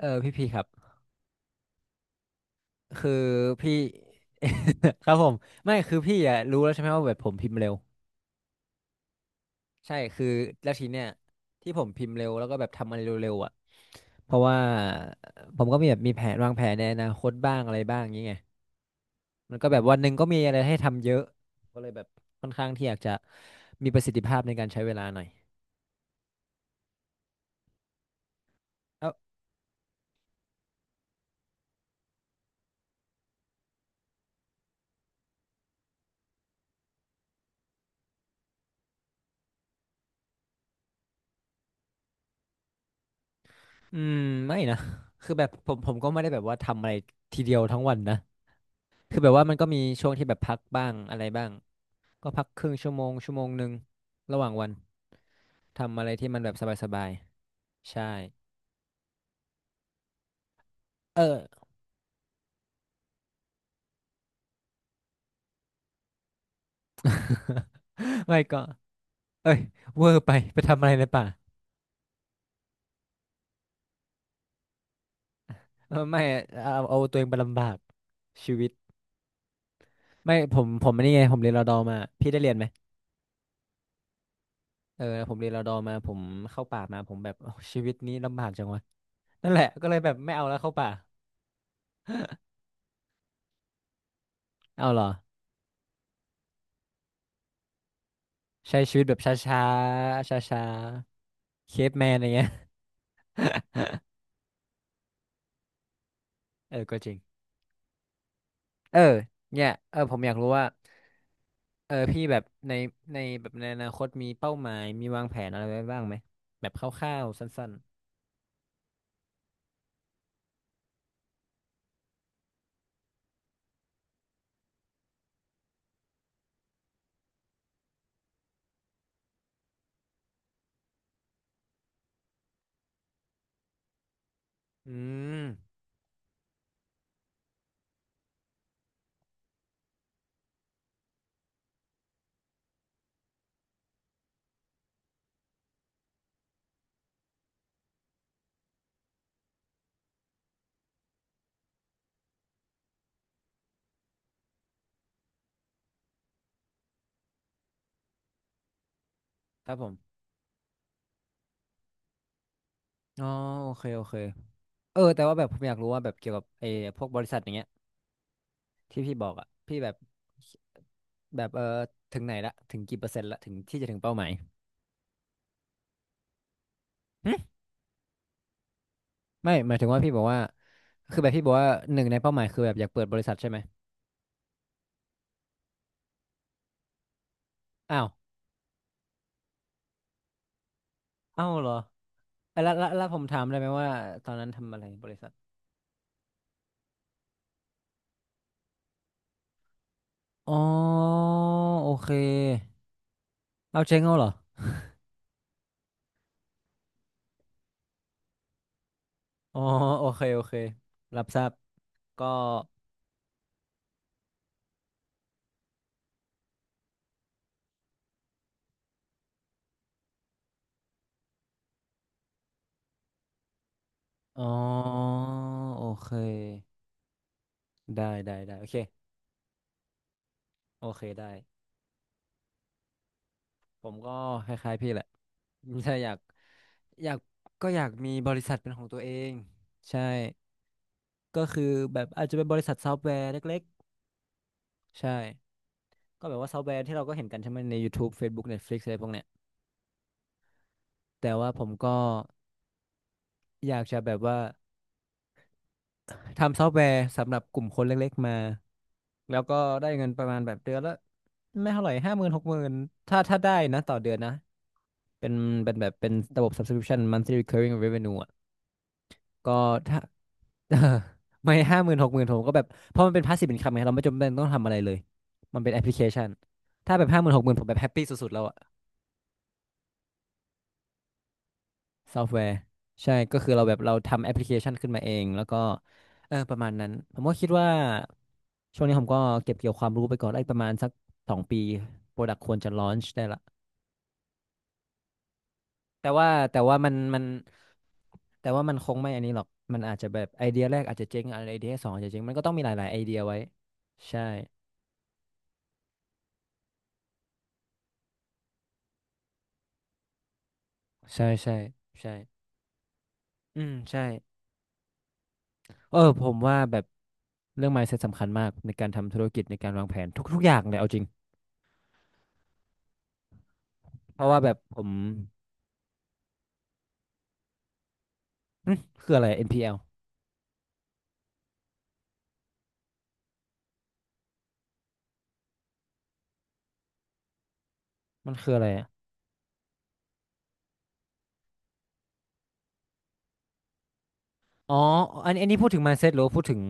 พี่ครับคือพี่ ครับผมไม่คือพี่อ่ะรู้แล้วใช่ไหมว่าแบบผมพิมพ์เร็วใช่คือแล้วทีเนี้ยที่ผมพิมพ์เร็วแล้วก็แบบทำอะไรเร็วๆอ่ะเพราะว่าผมก็มีแผนวางแผนในอนาคตบ้างอะไรบ้างอย่างเงี้ยมันก็แบบวันหนึ่งก็มีอะไรให้ทำเยอะก็เลยแบบค่อนข้างที่อยากจะมีประสิทธิภาพในการใช้เวลาหน่อยเอ้าอืมไม่นะคือแบบผมก็ไม่ได้แบบว่าทำอะไรทีเดียวทั้งวันนะคือแบบว่ามันก็มีช่วงที่แบบพักบ้างอะไรบ้าง ก็พักครึ่งชั่วโมงชั่วโมงหนึ่งระหว่างวันทำอะไรที่มันแบบสบายๆใช่เออ ไม่ก็เอ้ยเวอร์ไปไปทำอะไรในป่าเออไม่เอาตัวเองไปลำบากชีวิตไม่ผมอันนี่ไงผมเรียนรอดอมาพี่ได้เรียนไหมเออผมเรียนรอดอมาผมเข้าป่ามาผมแบบโอ้ชีวิตนี้ลำบากจังวะนั่นแหละก็เลยแบบไม่เอาแล้วเข้าป่าเอาเหรอใช้ชีวิตแบบช้าๆช้าๆเคปแมนอะไรเงี้ยเออก็จริงเออเนี่ยเออผมอยากรู้ว่า พี่แบบในแบบในอนาคตมีเป้าหมายมีวางแผนอะไรไว้บ้างไหมแบบคร่าวๆสั้นๆอืมครับผมอ๋อโอเคโอเคเออแต่ว่าแบบผมอยากรู้ว่าแบบเกี่ยวกับไอ้พวกบริษัทอย่างเงี้ยที่พี่บอกอ่ะพี่แบบแบบเออถึงไหนละถึงกี่เปอร์เซ็นต์ละถึงที่จะถึงเป้าหมายหึไม่หมายถึงว่าพี่บอกว่าคือแบบพี่บอกว่าหนึ่งในเป้าหมายคือแบบอยากเปิดบริษัทใช่ไหมอ้าวอ้าวเหรอเอ้ยแล้วผมถามได้ไหมว่าตอนนั้นทำอะไรบริษัทอ๋อโอเค เอาเชงเอาเหรออ๋อโอเคโอเครับทราบก็อ๋อโอเคได้ได้ได้โอเคโอเคได้ผมก็คล้ายๆพี่แหละ ถ้าอยากอยากก็อยากมีบริษัทเป็นของตัวเองใช่ก็คือแบบอาจจะเป็นบริษัทซอฟต์แวร์เล็กๆใช่ก็แบบว่าซอฟต์แวร์ที่เราก็เห็นกันใช่ไหมใน YouTube Facebook Netflix อะไรพวกเนี้ยแต่ว่าผมก็อยากจะแบบว่า ทำซอฟต์แวร์สำหรับกลุ่มคนเล็กๆมา แล้วก็ได้เงินประมาณแบบเดือนละไม่เท่าไหร่ห้าหมื่นหกหมื่นถ้าได้นะต่อเดือนนะเป็นเป็นแบบเป็นระบบ subscription monthly recurring revenue อ่ะก็ถ้า เออไม่ห้าหมื่นหกหมื่นผมก็แบบเพราะมันเป็น passive i n c คับไงเราไม่จำเป็นต้องทำอะไรเลยมันเป็นแอปพลิเคชันถ้าแบบห้าหมื่นหกหมื่นผมแบบแฮปปี้สุดๆแล้วอะซอฟต์แวร์ใช่ก็คือเราแบบเราทำแอปพลิเคชันขึ้นมาเองแล้วก็เออประมาณนั้นผมก็คิดว่าช่วงนี้ผมก็เก็บเกี่ยวความรู้ไปก่อนได้ประมาณสักสองปีโปรดักควรจะลอนช์ได้ละ แต่ว่าแต่ว่ามันมันแต่ว่ามันคงไม่อันนี้หรอกมันอาจจะแบบไอเดียแรกอาจจะเจ๊งไอเดียสองอาจจะเจ๊งมันก็ต้องมีหลายๆไอเดียไว้ใช่ใช่ใช่ใช่อืมใช่เออผมว่าแบบเรื่อง mindset สำคัญมากในการทำธุรกิจในการวางแผนทุกๆอย่างเลยเอาจริงเพราะว่าแบบผมอืมคืออะไร NPL มันคืออะไรอะอ๋ออันอันนี้พูดถึง mindset หรือว่าพูดถึง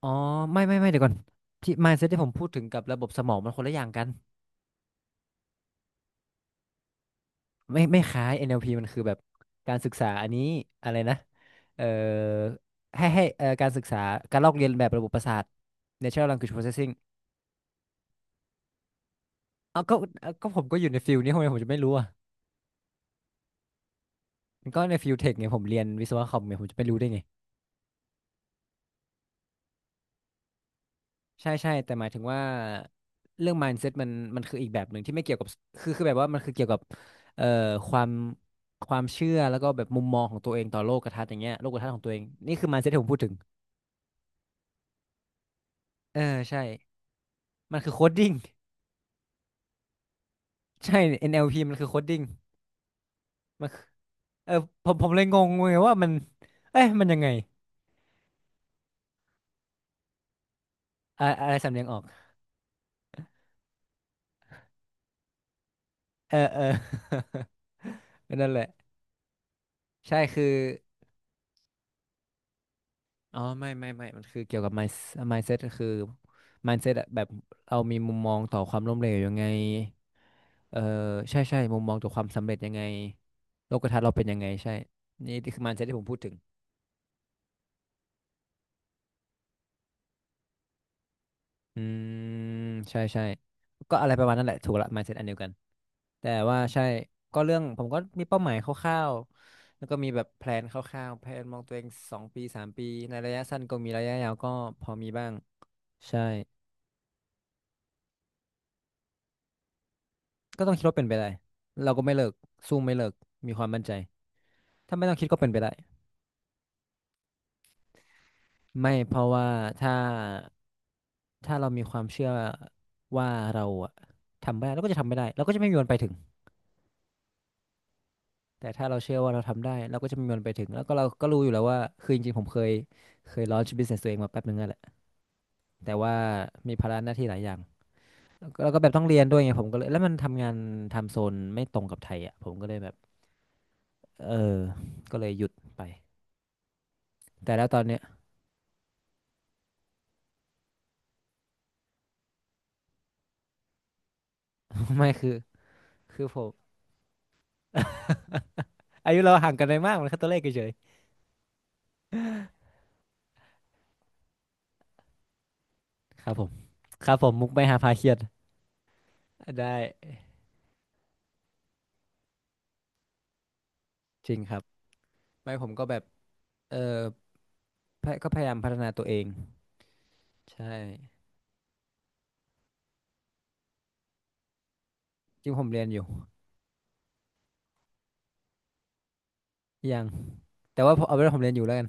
อ๋อไม่เดี๋ยวก่อนที่ mindset ที่ผมพูดถึงกับระบบสมองมันคนละอย่างกัน ไม่คล้าย NLP มันคือแบบการศึกษาอันนี้อะไรนะเอ่อให้การศึกษาการลอกเรียนแบบระบบประสาท Natural Language Processing เอาก็เอาก็ผมก็อยู่ในฟิลนี้ทำไมผมจะไม่รู้อ่ะมันก็ในฟิลเทคไงผมเรียนวิศวะคอมไงผมจะไม่รู้ได้ไงใช่ใช่แต่หมายถึงว่าเรื่อง mindset มันคืออีกแบบหนึ่งที่ไม่เกี่ยวกับคือแบบว่ามันคือเกี่ยวกับเอ่อความความเชื่อแล้วก็แบบมุมมองของตัวเองต่อโลกทัศน์อย่างเงี้ยโลกทัศน์ของตัวเองนี่คือ mindset ที่ผมพูดถึงเออใช่มันคือโคดดิ้ง ใช่ NLP มันคือโคดดิ้งมันคือเออผมเลยงงไงว่ามันเอ้ยมันยังไงอะอะไรสำเนียงออกเออเออ นั่นแหละใช่คืออ๋อไม่ มันคือเกี่ยวกับ mindset ก็คือ mindset อะแบบเรามีมุมมองต่อความล้มเหลวยังไงเออใช่ใช่มุมมองต่อความสำเร็จยังไงโลกทัศน์เราเป็นยังไงใช่ นี่คือ mindset ที่ผมพูดถึง อืมใช่ใช่ก็อะไรประมาณนั้นแหละถูกละ mindset อันเดียวกันแต่ว่าใช่ก็เรื่องผมก็มีเป้าหมายคร่าวๆแล้วก็มีแบบแพลนคร่าวๆแพลนมองตัวเอง2 ปี3 ปีในระยะสั้นก็มีระยะยาวก็พอมีบ้างใช่ก็ต้องคิดว่าเป็นไปได้เราก็ไม่เลิกสู้ไม่เลิกมีความมั่นใจถ้าไม่ต้องคิดก็เป็นไปได้ไม่เพราะว่าถ้าถ้าเรามีความเชื่อว่าเราอะทำไม่ได้เราก็จะทำไม่ได้เราก็จะไม่มีวันไปถึง แต่ถ้าเราเชื่อว่าเราทำได้เราก็จะมีมันไปถึงแล้วก็เราก็รู้อยู่แล้วว่าคือจริงๆผมเคย launch business ตัวเองมาแป๊บนึงนั่นแหละแต่ว่ามีภาระหน้าที่หลายอย่างแล้วก็แบบต้องเรียนด้วยไงผมก็เลยแล้วมันทำงานทำโซนไม่ตรงกับไทยอ่ะผมก็เลยแบบเออก็เลยหยุดไปแต่แล้วตอนเนี้ย ไม่คือคือผม อายุเราห่างกันไม่มากมันแค่ตัวเลขเฉยๆครับผมครับผมมุกไม่หาพาเครียดได้จริงครับไม่ผมก็แบบเออพะก็พยายามพัฒนาตัวเองใช่จริงผมเรียนอยู่ยัง แต่ว่าเอาเป็นว่าผมเรียนอยู่แล้วกัน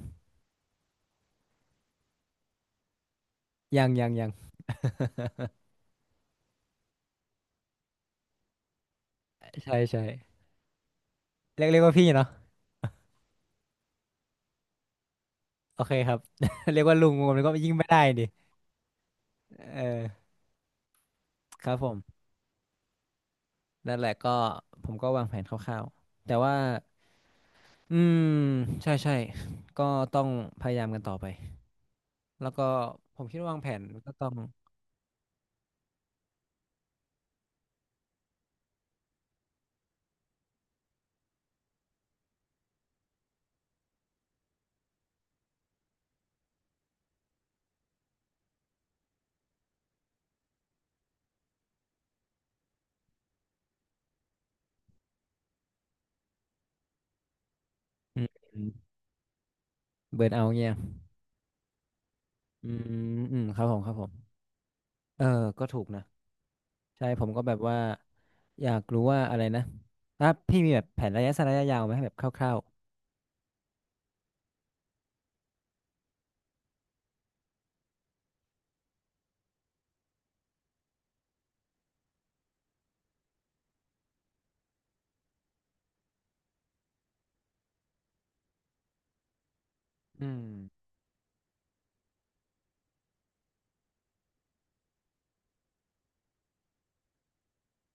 ยังยังยังใช่ใช่เรียกว่าพี่เนาะ โอเคครับ เรียกว่าลุงผมก็ยิ่งไม่ได้ดิเออครับผมนั่นแหละก็ผมก็วางแผนคร่าวๆแต่ว่าอืมใช่ใช่ก็ต้องพยายามกันต่อไปแล้วก็ผมคิดว่าวางแผนก็ต้องอืมเบิร์นเอาท์เงี้ยอืมอืมครับผมครับผมเออก็ถูกนะใช่ผมก็แบบว่าอยากรู้ว่าอะไรนะถ้าพี่มีแบบแผนระยะสั้นระยะยาวไหมแบบคร่าวๆอืม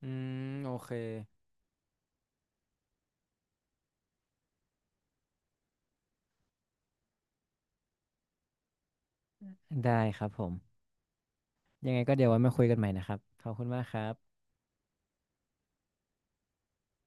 อืมโอเคได้ครับผมยังไงก็เดี๋ยวไว้มาคุยกันใหม่นะครับขอบคุณมากครับ